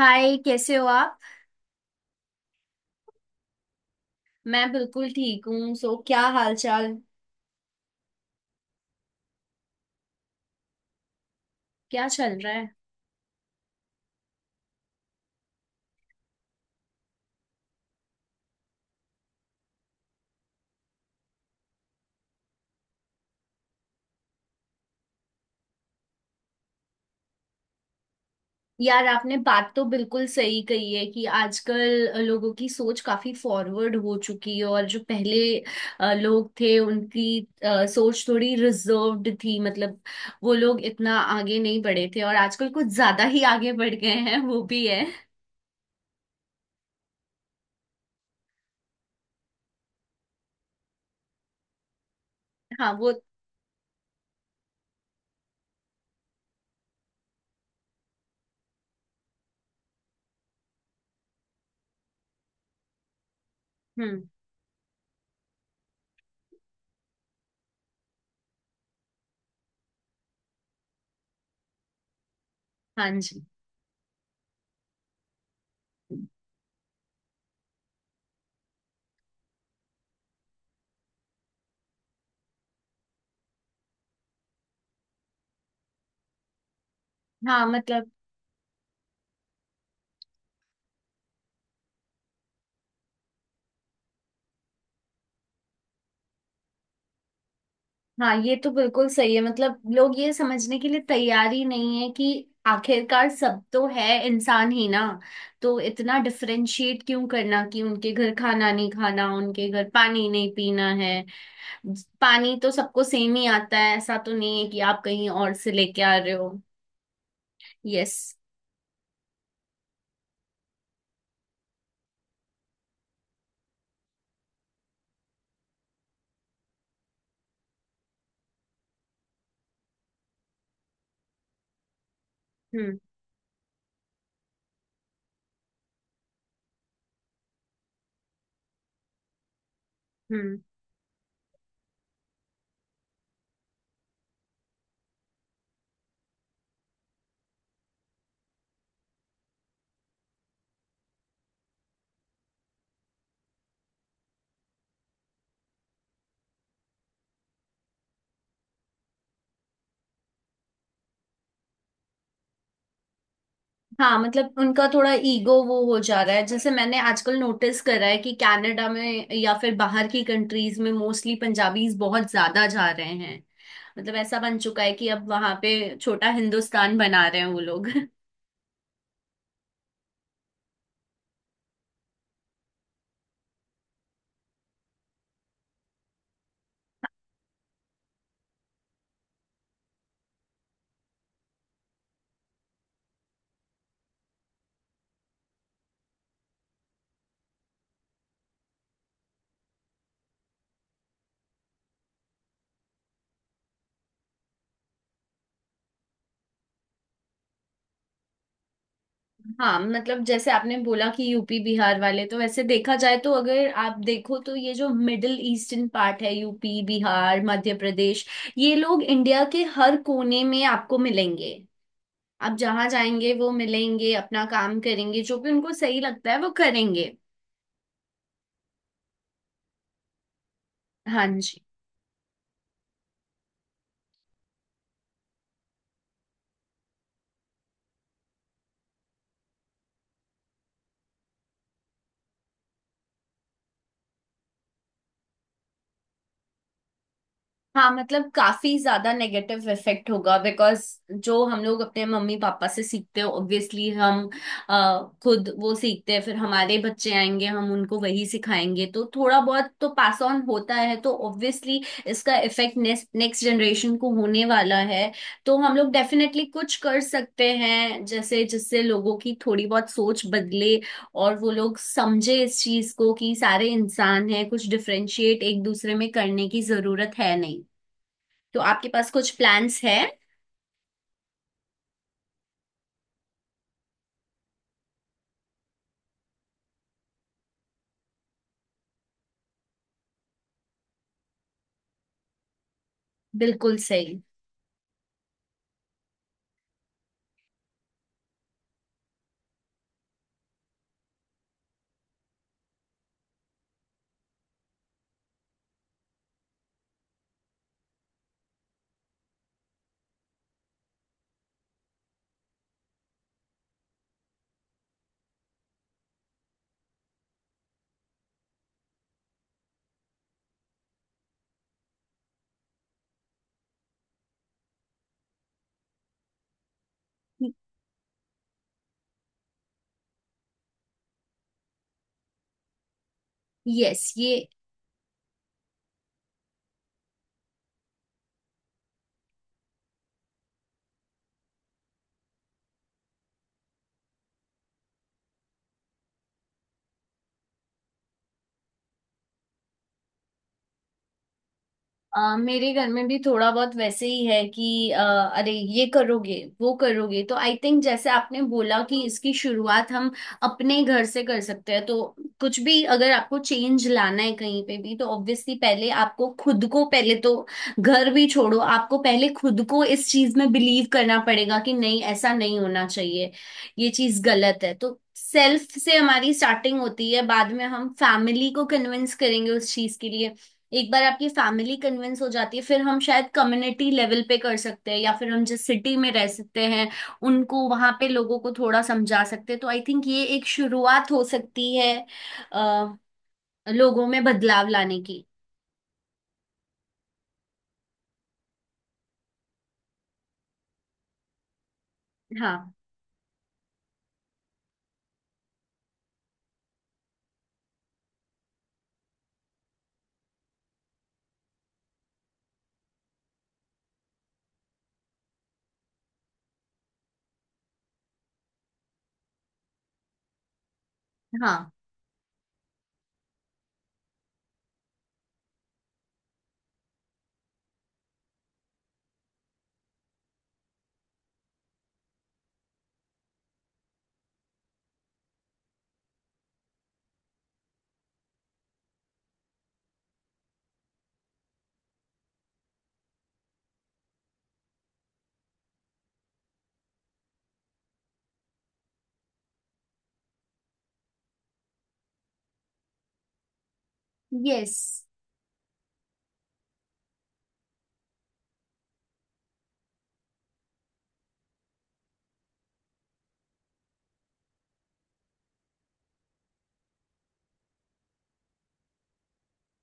हाय, कैसे हो आप। मैं बिल्कुल ठीक हूँ। सो क्या हाल चाल, क्या चल रहा है। यार, आपने बात तो बिल्कुल सही कही है कि आजकल लोगों की सोच काफी फॉरवर्ड हो चुकी है और जो पहले लोग थे उनकी सोच थोड़ी रिजर्व्ड थी। मतलब वो लोग इतना आगे नहीं बढ़े थे, और आजकल कुछ ज्यादा ही आगे बढ़ गए हैं, वो भी है। हाँ वो। हम्म। हाँ जी। हाँ मतलब। हाँ, ये तो बिल्कुल सही है। मतलब लोग ये समझने के लिए तैयार ही नहीं है कि आखिरकार सब तो है इंसान ही ना। तो इतना डिफरेंशिएट क्यों करना कि उनके घर खाना नहीं खाना, उनके घर पानी नहीं पीना है। पानी तो सबको सेम ही आता है, ऐसा तो नहीं है कि आप कहीं और से लेके आ रहे हो। यस। हम्म। हम्म। हाँ मतलब उनका थोड़ा ईगो वो हो जा रहा है। जैसे मैंने आजकल नोटिस करा है कि कनाडा में या फिर बाहर की कंट्रीज में मोस्टली पंजाबीज बहुत ज्यादा जा रहे हैं। मतलब ऐसा बन चुका है कि अब वहां पे छोटा हिंदुस्तान बना रहे हैं वो लोग हाँ मतलब जैसे आपने बोला कि यूपी बिहार वाले, तो वैसे देखा जाए तो अगर आप देखो तो ये जो मिडिल ईस्टर्न पार्ट है, यूपी बिहार मध्य प्रदेश, ये लोग इंडिया के हर कोने में आपको मिलेंगे। आप जहां जाएंगे वो मिलेंगे, अपना काम करेंगे, जो भी उनको सही लगता है वो करेंगे। हाँ जी। हाँ मतलब काफी ज्यादा नेगेटिव इफेक्ट होगा। बिकॉज जो हम लोग अपने मम्मी पापा से सीखते हैं, ऑब्वियसली हम खुद वो सीखते हैं, फिर हमारे बच्चे आएंगे, हम उनको वही सिखाएंगे। तो थोड़ा बहुत तो पास ऑन होता है। तो ऑब्वियसली इसका इफेक्ट नेक्स्ट नेक्स्ट जनरेशन को होने वाला है। तो हम लोग डेफिनेटली कुछ कर सकते हैं जैसे, जिससे लोगों की थोड़ी बहुत सोच बदले और वो लोग समझे इस चीज को कि सारे इंसान हैं, कुछ डिफरेंशिएट एक दूसरे में करने की जरूरत है नहीं। तो आपके पास कुछ प्लान्स है। बिल्कुल सही। यस ये। मेरे घर में भी थोड़ा बहुत वैसे ही है कि अरे ये करोगे, वो करोगे। तो आई थिंक जैसे आपने बोला कि इसकी शुरुआत हम अपने घर से कर सकते हैं। तो कुछ भी अगर आपको चेंज लाना है कहीं पे भी तो ऑब्वियसली पहले आपको खुद को, पहले तो घर भी छोड़ो, आपको पहले खुद को इस चीज में बिलीव करना पड़ेगा कि नहीं, ऐसा नहीं होना चाहिए, ये चीज गलत है। तो सेल्फ से हमारी स्टार्टिंग होती है, बाद में हम फैमिली को कन्विंस करेंगे उस चीज के लिए। एक बार आपकी फैमिली कन्विंस हो जाती है, फिर हम शायद कम्युनिटी लेवल पे कर सकते हैं, या फिर हम जिस सिटी में रह सकते हैं उनको वहां पे लोगों को थोड़ा समझा सकते हैं। तो आई थिंक ये एक शुरुआत हो सकती है, अ, लोगों में बदलाव लाने की। हाँ। हाँ। यस।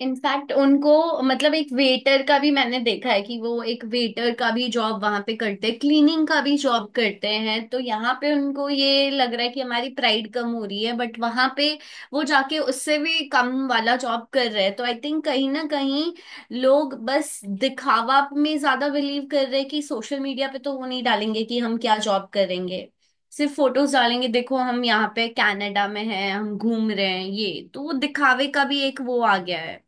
इनफैक्ट उनको, मतलब एक वेटर का भी मैंने देखा है कि वो एक वेटर का भी जॉब वहां पे करते हैं, क्लीनिंग का भी जॉब करते हैं। तो यहाँ पे उनको ये लग रहा है कि हमारी प्राइड कम हो रही है, बट वहां पे वो जाके उससे भी कम वाला जॉब कर रहे हैं। तो आई थिंक कहीं ना कहीं लोग बस दिखावा में ज्यादा बिलीव कर रहे हैं कि सोशल मीडिया पे तो वो नहीं डालेंगे कि हम क्या जॉब करेंगे, सिर्फ फोटोज डालेंगे देखो हम यहाँ पे कनाडा में हैं, हम घूम रहे हैं। ये तो वो दिखावे का भी एक वो आ गया है।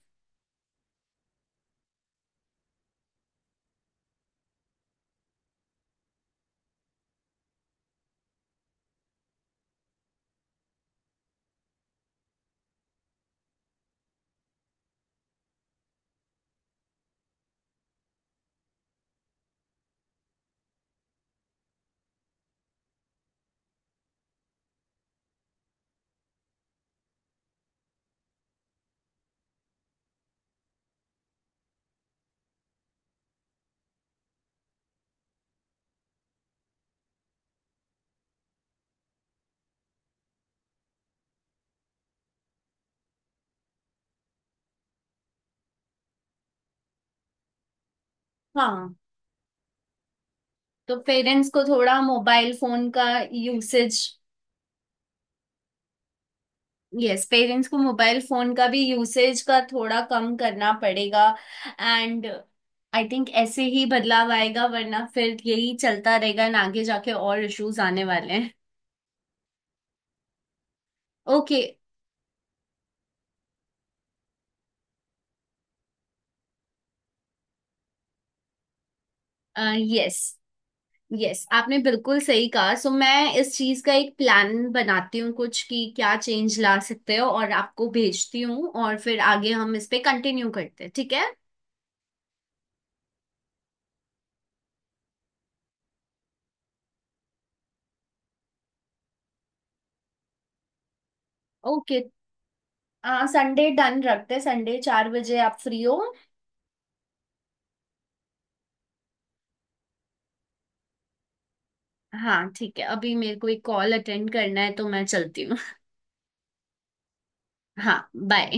हाँ तो पेरेंट्स को थोड़ा मोबाइल फोन का यूसेज। यस, पेरेंट्स को मोबाइल फोन का भी यूसेज का थोड़ा कम करना पड़ेगा। एंड आई थिंक ऐसे ही बदलाव आएगा, वरना फिर यही चलता रहेगा and आगे जाके और इश्यूज आने वाले हैं। ओके। यस। यस, आपने बिल्कुल सही कहा। सो मैं इस चीज का एक प्लान बनाती हूँ कुछ कि क्या चेंज ला सकते हो, और आपको भेजती हूँ, और फिर आगे हम इस पे कंटिन्यू करते हैं, ठीक है। ओके। संडे डन रखते हैं। संडे 4 बजे आप फ्री हो। हाँ ठीक है, अभी मेरे को एक कॉल अटेंड करना है तो मैं चलती हूँ। हाँ बाय।